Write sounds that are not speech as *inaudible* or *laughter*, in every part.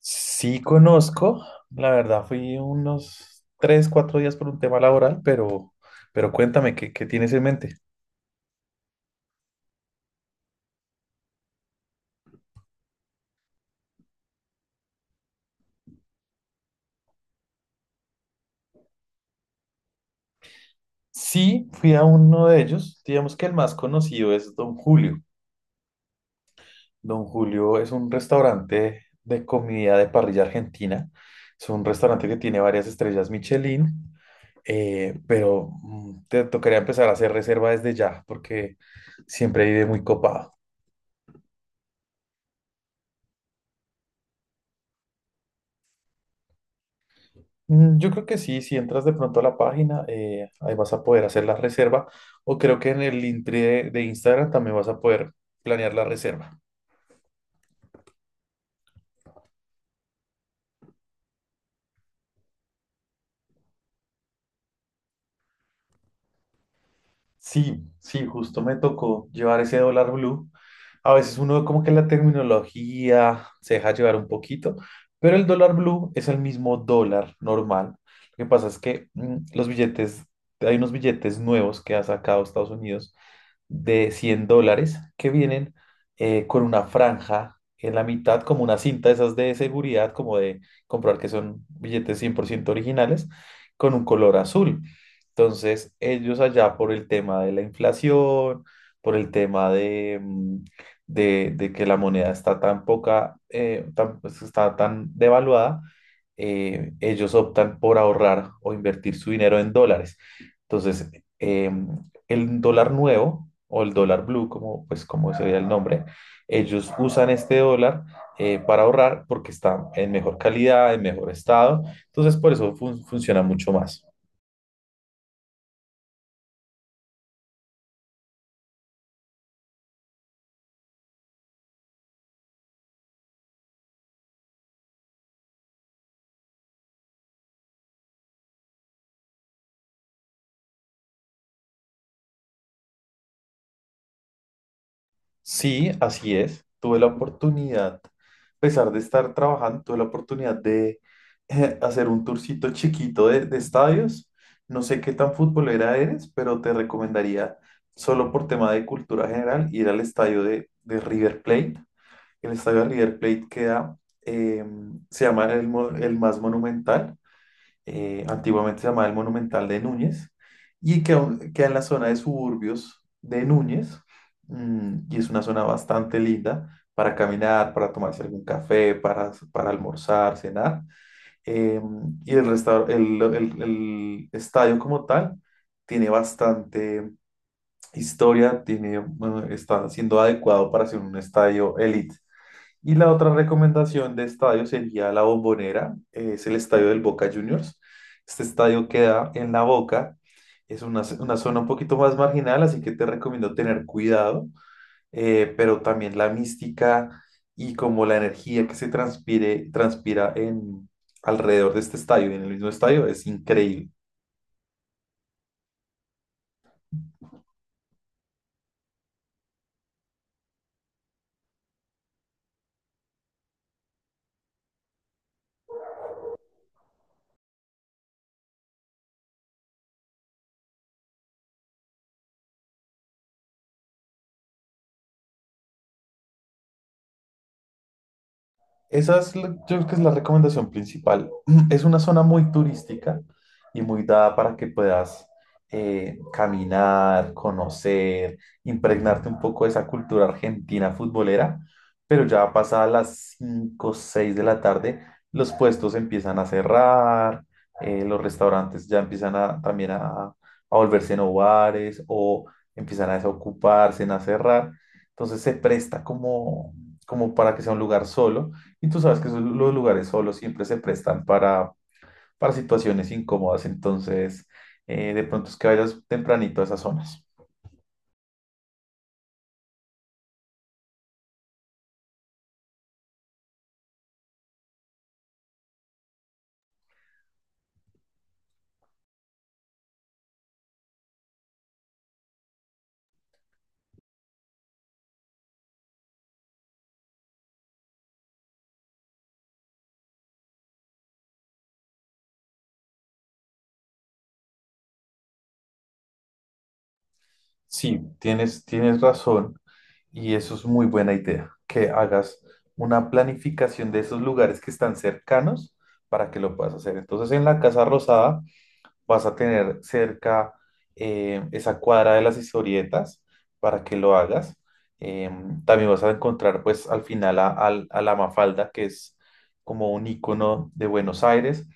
Sí conozco, la verdad fui unos 3, 4 días por un tema laboral, pero cuéntame, ¿qué tienes en mente? Sí, fui a uno de ellos, digamos que el más conocido es Don Julio. Don Julio es un restaurante de comida de parrilla argentina, es un restaurante que tiene varias estrellas Michelin, pero te tocaría empezar a hacer reserva desde ya, porque siempre vive muy copado. Yo creo que sí, si entras de pronto a la página, ahí vas a poder hacer la reserva o creo que en el link de Instagram también vas a poder planear la reserva. Sí, sí, justo me tocó llevar ese dólar blue. A veces uno como que la terminología se deja llevar un poquito, pero el dólar blue es el mismo dólar normal. Lo que pasa es que los billetes, hay unos billetes nuevos que ha sacado Estados Unidos de $100 que vienen con una franja en la mitad, como una cinta de esas de seguridad, como de comprobar que son billetes 100% originales, con un color azul. Entonces, ellos allá por el tema de la inflación, por el tema de que la moneda está tan poca, pues, está tan devaluada, ellos optan por ahorrar o invertir su dinero en dólares. Entonces, eh, el dólar nuevo o el dólar blue, como, pues, como sería el nombre, ellos usan este dólar para ahorrar porque está en mejor calidad, en mejor estado. Entonces, por eso funciona mucho más. Sí, así es. Tuve la oportunidad, a pesar de estar trabajando, tuve la oportunidad de hacer un tourcito chiquito de estadios. No sé qué tan futbolera eres, pero te recomendaría, solo por tema de cultura general, ir al estadio de River Plate. El estadio de River Plate queda, eh, se llama el más monumental, antiguamente se llamaba el Monumental de Núñez, y queda en la zona de suburbios de Núñez, y es una zona bastante linda para caminar, para tomarse algún café, para almorzar, cenar, eh, y el, restaur- el estadio como tal tiene bastante historia, tiene, bueno, está siendo adecuado para ser un estadio elite. Y la otra recomendación de estadio sería la Bombonera, es el estadio del Boca Juniors. Este estadio queda en La Boca, es una zona un poquito más marginal, así que te recomiendo tener cuidado, pero también la mística y como la energía que se transpira en, alrededor de este estadio y en el mismo estadio es increíble. Esa es, yo creo que es la recomendación principal. *clears throat* Es una zona muy turística y muy dada para que puedas caminar, conocer, impregnarte un poco de esa cultura argentina futbolera, pero ya pasada las 5 o 6 de la tarde, los puestos empiezan a cerrar, los restaurantes ya empiezan a, también a volverse en bares o empiezan a desocuparse, en a cerrar. Entonces se presta como para que sea un lugar solo y tú sabes que los lugares solos siempre se prestan para situaciones incómodas, entonces de pronto es que vayas tempranito a esas zonas. Sí, tienes razón y eso es muy buena idea, que hagas una planificación de esos lugares que están cercanos para que lo puedas hacer. Entonces en la Casa Rosada vas a tener cerca esa cuadra de las historietas para que lo hagas. También vas a encontrar pues al final a la Mafalda, que es como un icono de Buenos Aires.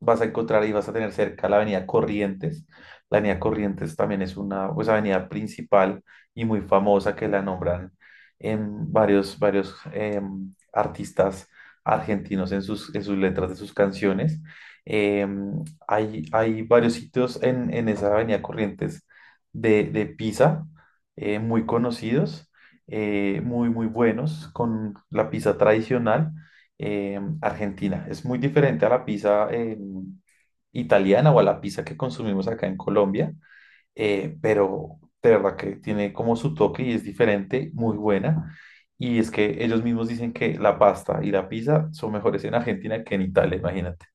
Vas a encontrar y vas a tener cerca la Avenida Corrientes. La Avenida Corrientes también es una pues, avenida principal y muy famosa que la nombran en varios artistas argentinos en sus letras de sus canciones. Em, hay varios sitios en esa avenida Corrientes de pizza, muy conocidos, muy, muy buenos, con la pizza tradicional argentina. Es muy diferente a la pizza italiana o a la pizza que consumimos acá en Colombia, pero de verdad que tiene como su toque y es diferente, muy buena. Y es que ellos mismos dicen que la pasta y la pizza son mejores en Argentina que en Italia, imagínate.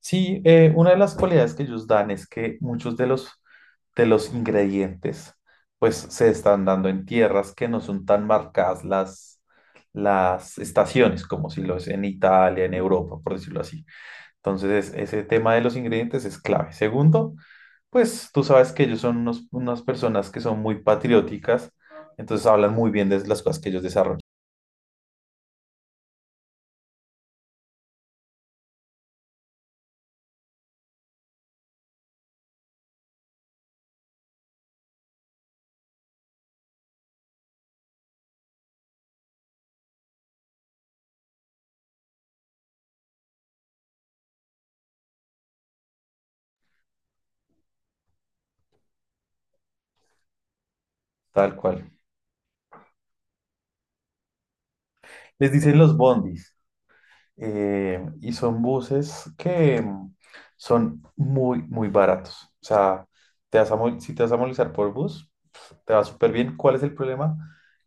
Sí, una de las cualidades que ellos dan es que muchos de los ingredientes pues se están dando en tierras que no son tan marcadas las estaciones, como si lo es en Italia, en Europa, por decirlo así. Entonces, ese tema de los ingredientes es clave. Segundo, pues tú sabes que ellos son unas personas que son muy patrióticas, entonces hablan muy bien de las cosas que ellos desarrollan, tal cual. Les dicen los bondis. Y son buses que son muy, muy baratos. O sea, te vas a si te vas a movilizar por bus, pues, te va súper bien. ¿Cuál es el problema?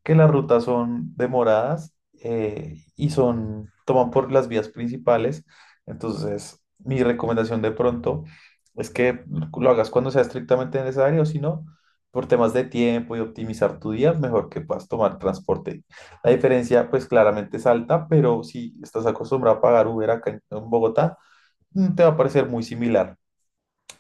Que las rutas son demoradas y son, toman por las vías principales. Entonces, mi recomendación de pronto es que lo hagas cuando sea estrictamente necesario, si no, por temas de tiempo y optimizar tu día, mejor que puedas tomar transporte, la diferencia, pues claramente es alta, pero si estás acostumbrado a pagar Uber acá en Bogotá, te va a parecer muy similar.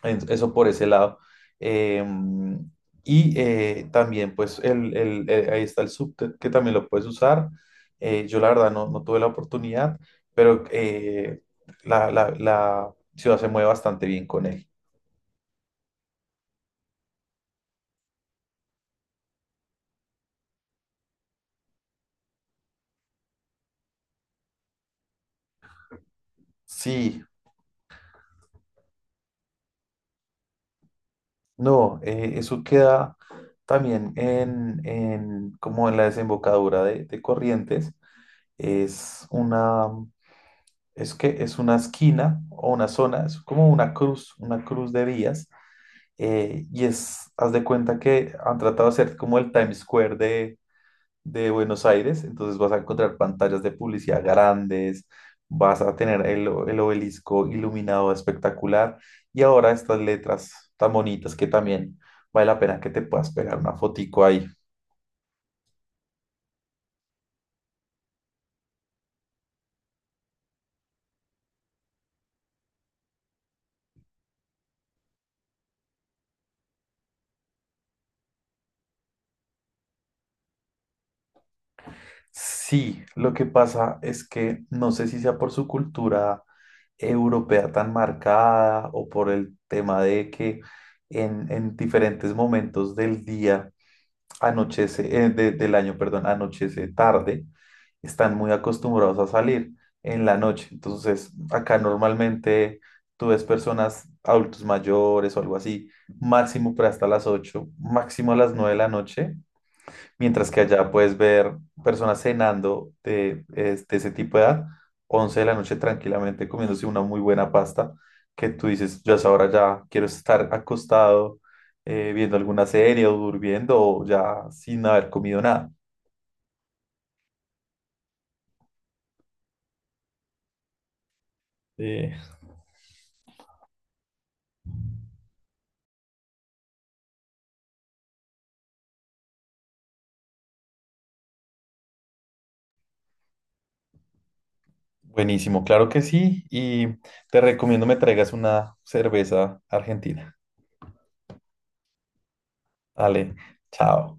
Eso por ese lado. Em, y también, pues, ahí está el subte, que también lo puedes usar. Yo la verdad no tuve la oportunidad, pero la ciudad se mueve bastante bien con él. Sí, no, eso queda también como en la desembocadura de Corrientes. es una, es que es una esquina o una zona, es como una cruz de vías, y es, haz de cuenta que han tratado de hacer como el Times Square de Buenos Aires, entonces vas a encontrar pantallas de publicidad grandes, vas a tener el obelisco iluminado espectacular, y ahora estas letras tan bonitas que también vale la pena que te puedas pegar una fotico ahí. Sí, lo que pasa es que no sé si sea por su cultura europea tan marcada o por el tema de que en diferentes momentos del día anochece, del año, perdón, anochece tarde, están muy acostumbrados a salir en la noche. Entonces, acá normalmente tú ves personas, adultos mayores o algo así, máximo para hasta las 8, máximo a las 9 de la noche. Mientras que allá puedes ver personas cenando de ese tipo de edad, 11 de la noche tranquilamente comiéndose una muy buena pasta, que tú dices, yo a esa hora ya quiero estar acostado viendo alguna serie o durmiendo o ya sin haber comido nada. Eh, buenísimo, claro que sí. Y te recomiendo me traigas una cerveza argentina. Dale, chao.